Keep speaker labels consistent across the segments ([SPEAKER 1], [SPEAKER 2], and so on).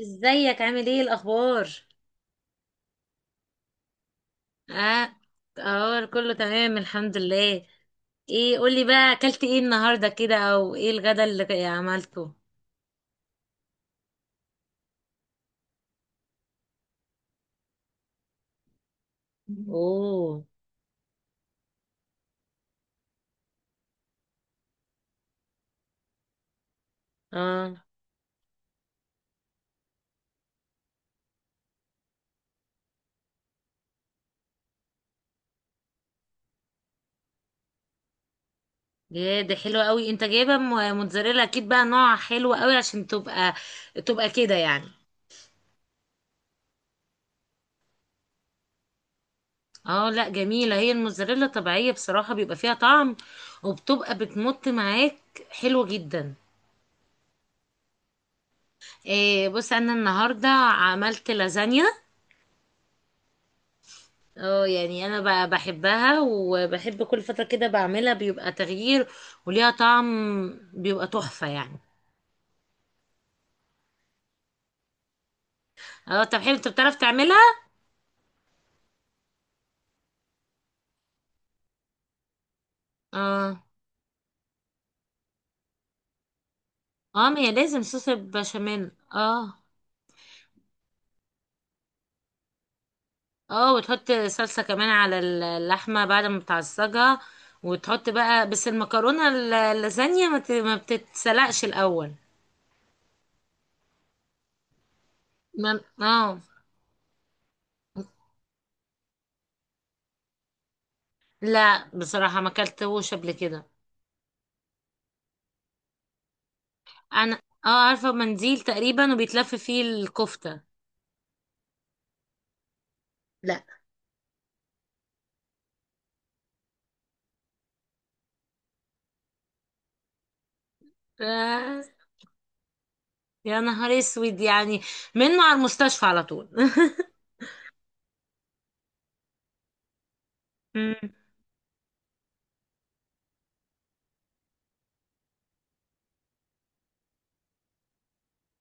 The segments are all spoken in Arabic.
[SPEAKER 1] ازيك عامل ايه الاخبار؟ اه. اه، كله تمام، الحمد لله. ايه قولي بقى، اكلت ايه النهارده كده، او ايه الغدا اللي عملته؟ اوه. اه. يا ده حلو قوي، انت جايبه موتزاريلا اكيد، بقى نوع حلو قوي عشان تبقى كده يعني. اه، لا، جميله هي الموتزاريلا طبيعيه، بصراحه بيبقى فيها طعم وبتبقى بتمط معاك، حلو جدا. إيه بص، انا النهارده عملت لازانيا. اه يعني انا بحبها، وبحب كل فترة كده بعملها، بيبقى تغيير وليها طعم بيبقى تحفة يعني. اه طب حلو، انت بتعرف تعملها؟ اه. اه ما هي لازم صوص البشاميل اه. اه وتحط صلصة كمان على اللحمة بعد ما بتعصجها، وتحط بقى بس المكرونة اللازانيا ما بتتسلقش الأول. ما اه. لا بصراحة ما اكلتهوش قبل كده. انا اه عارفة منديل تقريبا، وبيتلف فيه الكفتة. لا. آه، يا نهار اسود يعني، منه على المستشفى على طول مم.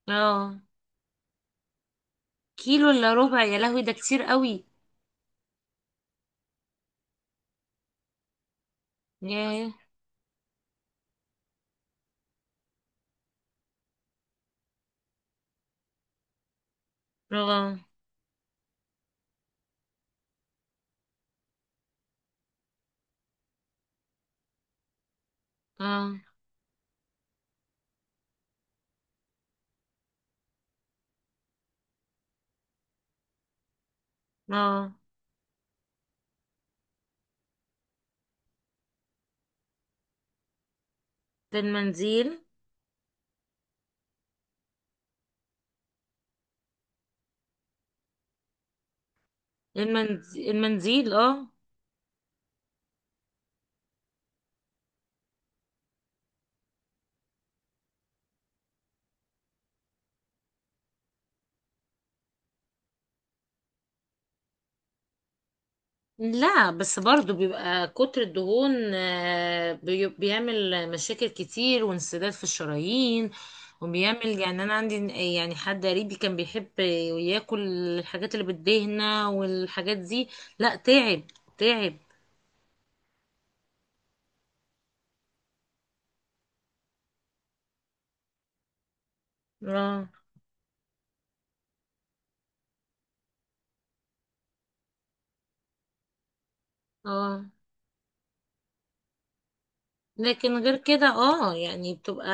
[SPEAKER 1] اه كيلو الا ربع، يا لهوي ده كتير قوي. ياه. اه. اه. اه ده المنديل. المنديل اه. لا بس برضو بيبقى كتر الدهون، بيعمل مشاكل كتير وانسداد في الشرايين، وبيعمل يعني، انا عندي يعني حد قريبي كان بيحب ياكل الحاجات اللي بتدهنه والحاجات دي، لا تعب، تعب. اه. اه لكن غير كده، اه يعني بتبقى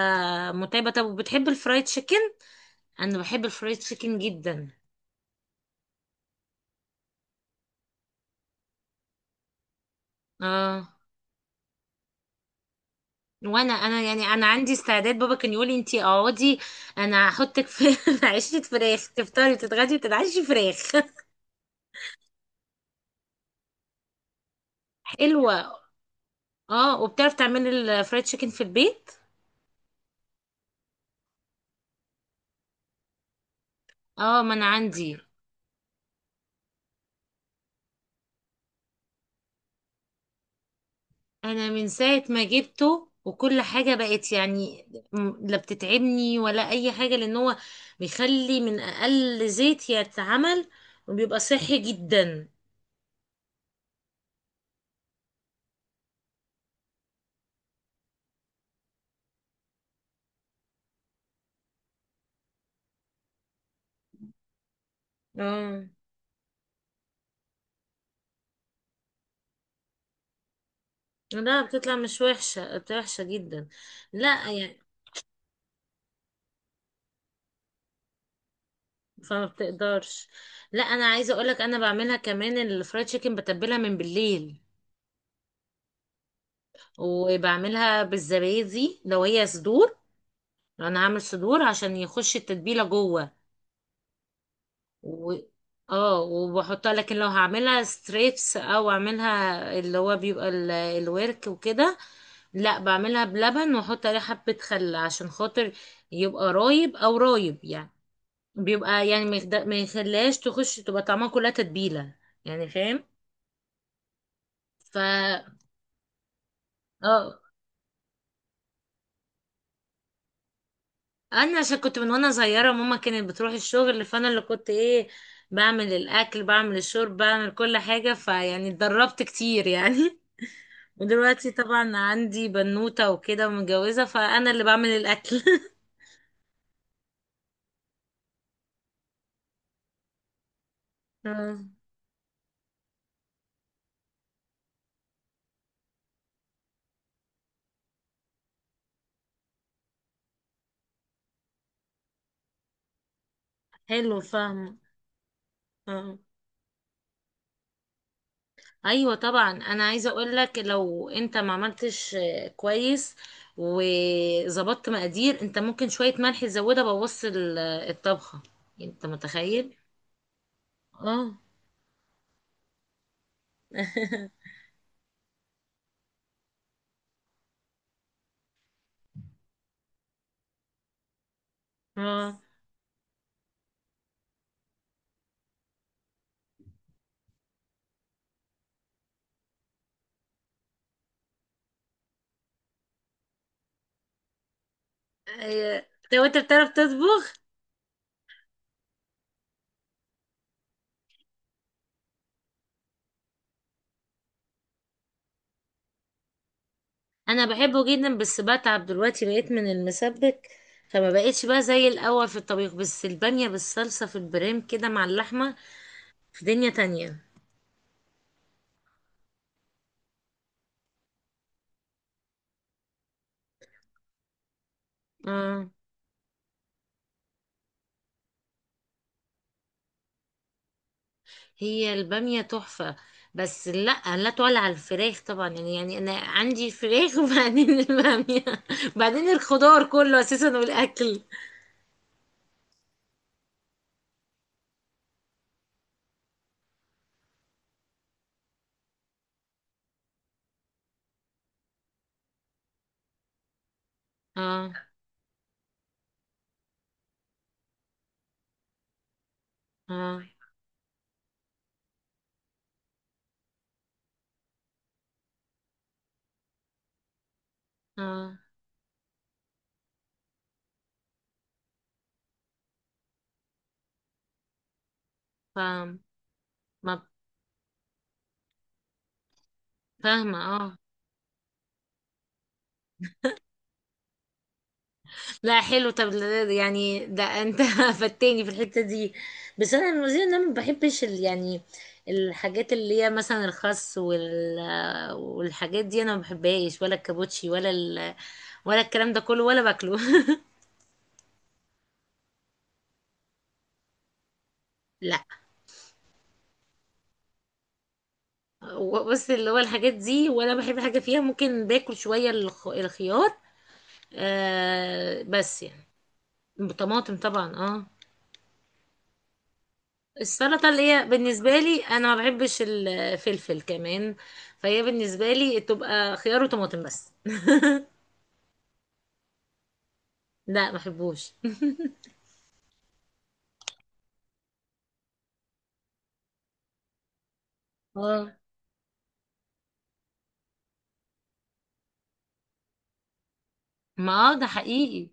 [SPEAKER 1] متعبة. طب وبتحب الفرايد تشيكن؟ انا بحب الفرايد تشيكن جدا. اه وانا يعني انا عندي استعداد، بابا كان يقولي انتي اقعدي، انا هحطك في في عيشه فراخ، تفطري وتتغدي وتتعشي فراخ حلوه. اه وبتعرف تعملي الفرايد تشيكن في البيت؟ اه ما انا عندي. انا من ساعه ما جبته وكل حاجه بقت يعني لا بتتعبني ولا اي حاجه، لان هو بيخلي من اقل زيت يتعمل، وبيبقى صحي جدا. اه لا بتطلع مش وحشه، بتبقى وحشه جدا، لا يعني فما بتقدرش. لا انا عايزه اقولك انا بعملها كمان الفرايد تشيكن، بتبلها من بالليل وبعملها بالزبادي لو هي صدور. لو انا هعمل صدور عشان يخش التتبيله جوه و... اه وبحطها. لكن لو هعملها ستريبس او اعملها اللي هو بيبقى ال... الورك وكده، لا بعملها بلبن واحط عليه حبه خل عشان خاطر يبقى رايب او رايب يعني، بيبقى يعني ما يخليهاش تخش تبقى طعمها كلها تتبيله يعني، فاهم؟ ف اه. انا عشان كنت من وانا صغيره، ماما كانت بتروح الشغل، فانا اللي كنت ايه، بعمل الاكل بعمل الشرب بعمل كل حاجه، فيعني اتدربت كتير يعني. ودلوقتي طبعا عندي بنوته وكده ومتجوزه، فانا اللي بعمل الاكل آه، حلو فاهمه. آه. ايوه طبعا، انا عايزه اقول لك لو انت ما عملتش كويس وظبطت مقادير، انت ممكن شويه ملح تزودها بوص الطبخه. انت متخيل؟ اه. اه. آه، طب انت بتعرف تطبخ؟ انا بحبه جدا، بس بتعب دلوقتي بقيت من المسبك، فما بقيتش بقى زي الاول في الطبيخ، بس البامية بالصلصة في البريم كده مع اللحمة في دنيا تانية. اه هي البامية تحفة، بس لا لا تعلى على الفراخ طبعا يعني، يعني انا عندي فراخ وبعدين البامية بعدين الخضار كله اساسا والاكل. اه. اه. اه فاهم. ما- فاهمة. اه لا حلو طب، يعني ده انت فتاني في الحتة دي، بس انا المزيد انا ما بحبش يعني الحاجات اللي هي مثلا الخس والحاجات دي انا ما بحبهاش، ولا الكابوتشي ولا ال... ولا الكلام ده كله ولا باكله لا. بص اللي هو الحاجات دي ولا بحب حاجة فيها، ممكن باكل شوية الخيار، آه بس يعني طماطم طبعا اه. السلطة اللي هي بالنسبة لي أنا ما بحبش الفلفل كمان، فهي بالنسبة لي تبقى خيار وطماطم بس. لا ما بحبوش. اه ما ده حقيقي.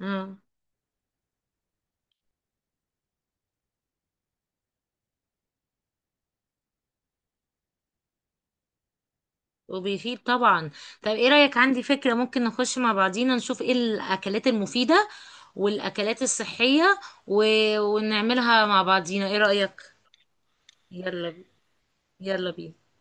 [SPEAKER 1] اه وبيفيد طبعا. طب ايه رأيك، عندي فكرة، ممكن نخش مع بعضينا نشوف ايه الأكلات المفيدة والأكلات الصحية و... ونعملها مع بعضينا، ايه رأيك؟ يلا بي- يلا بينا.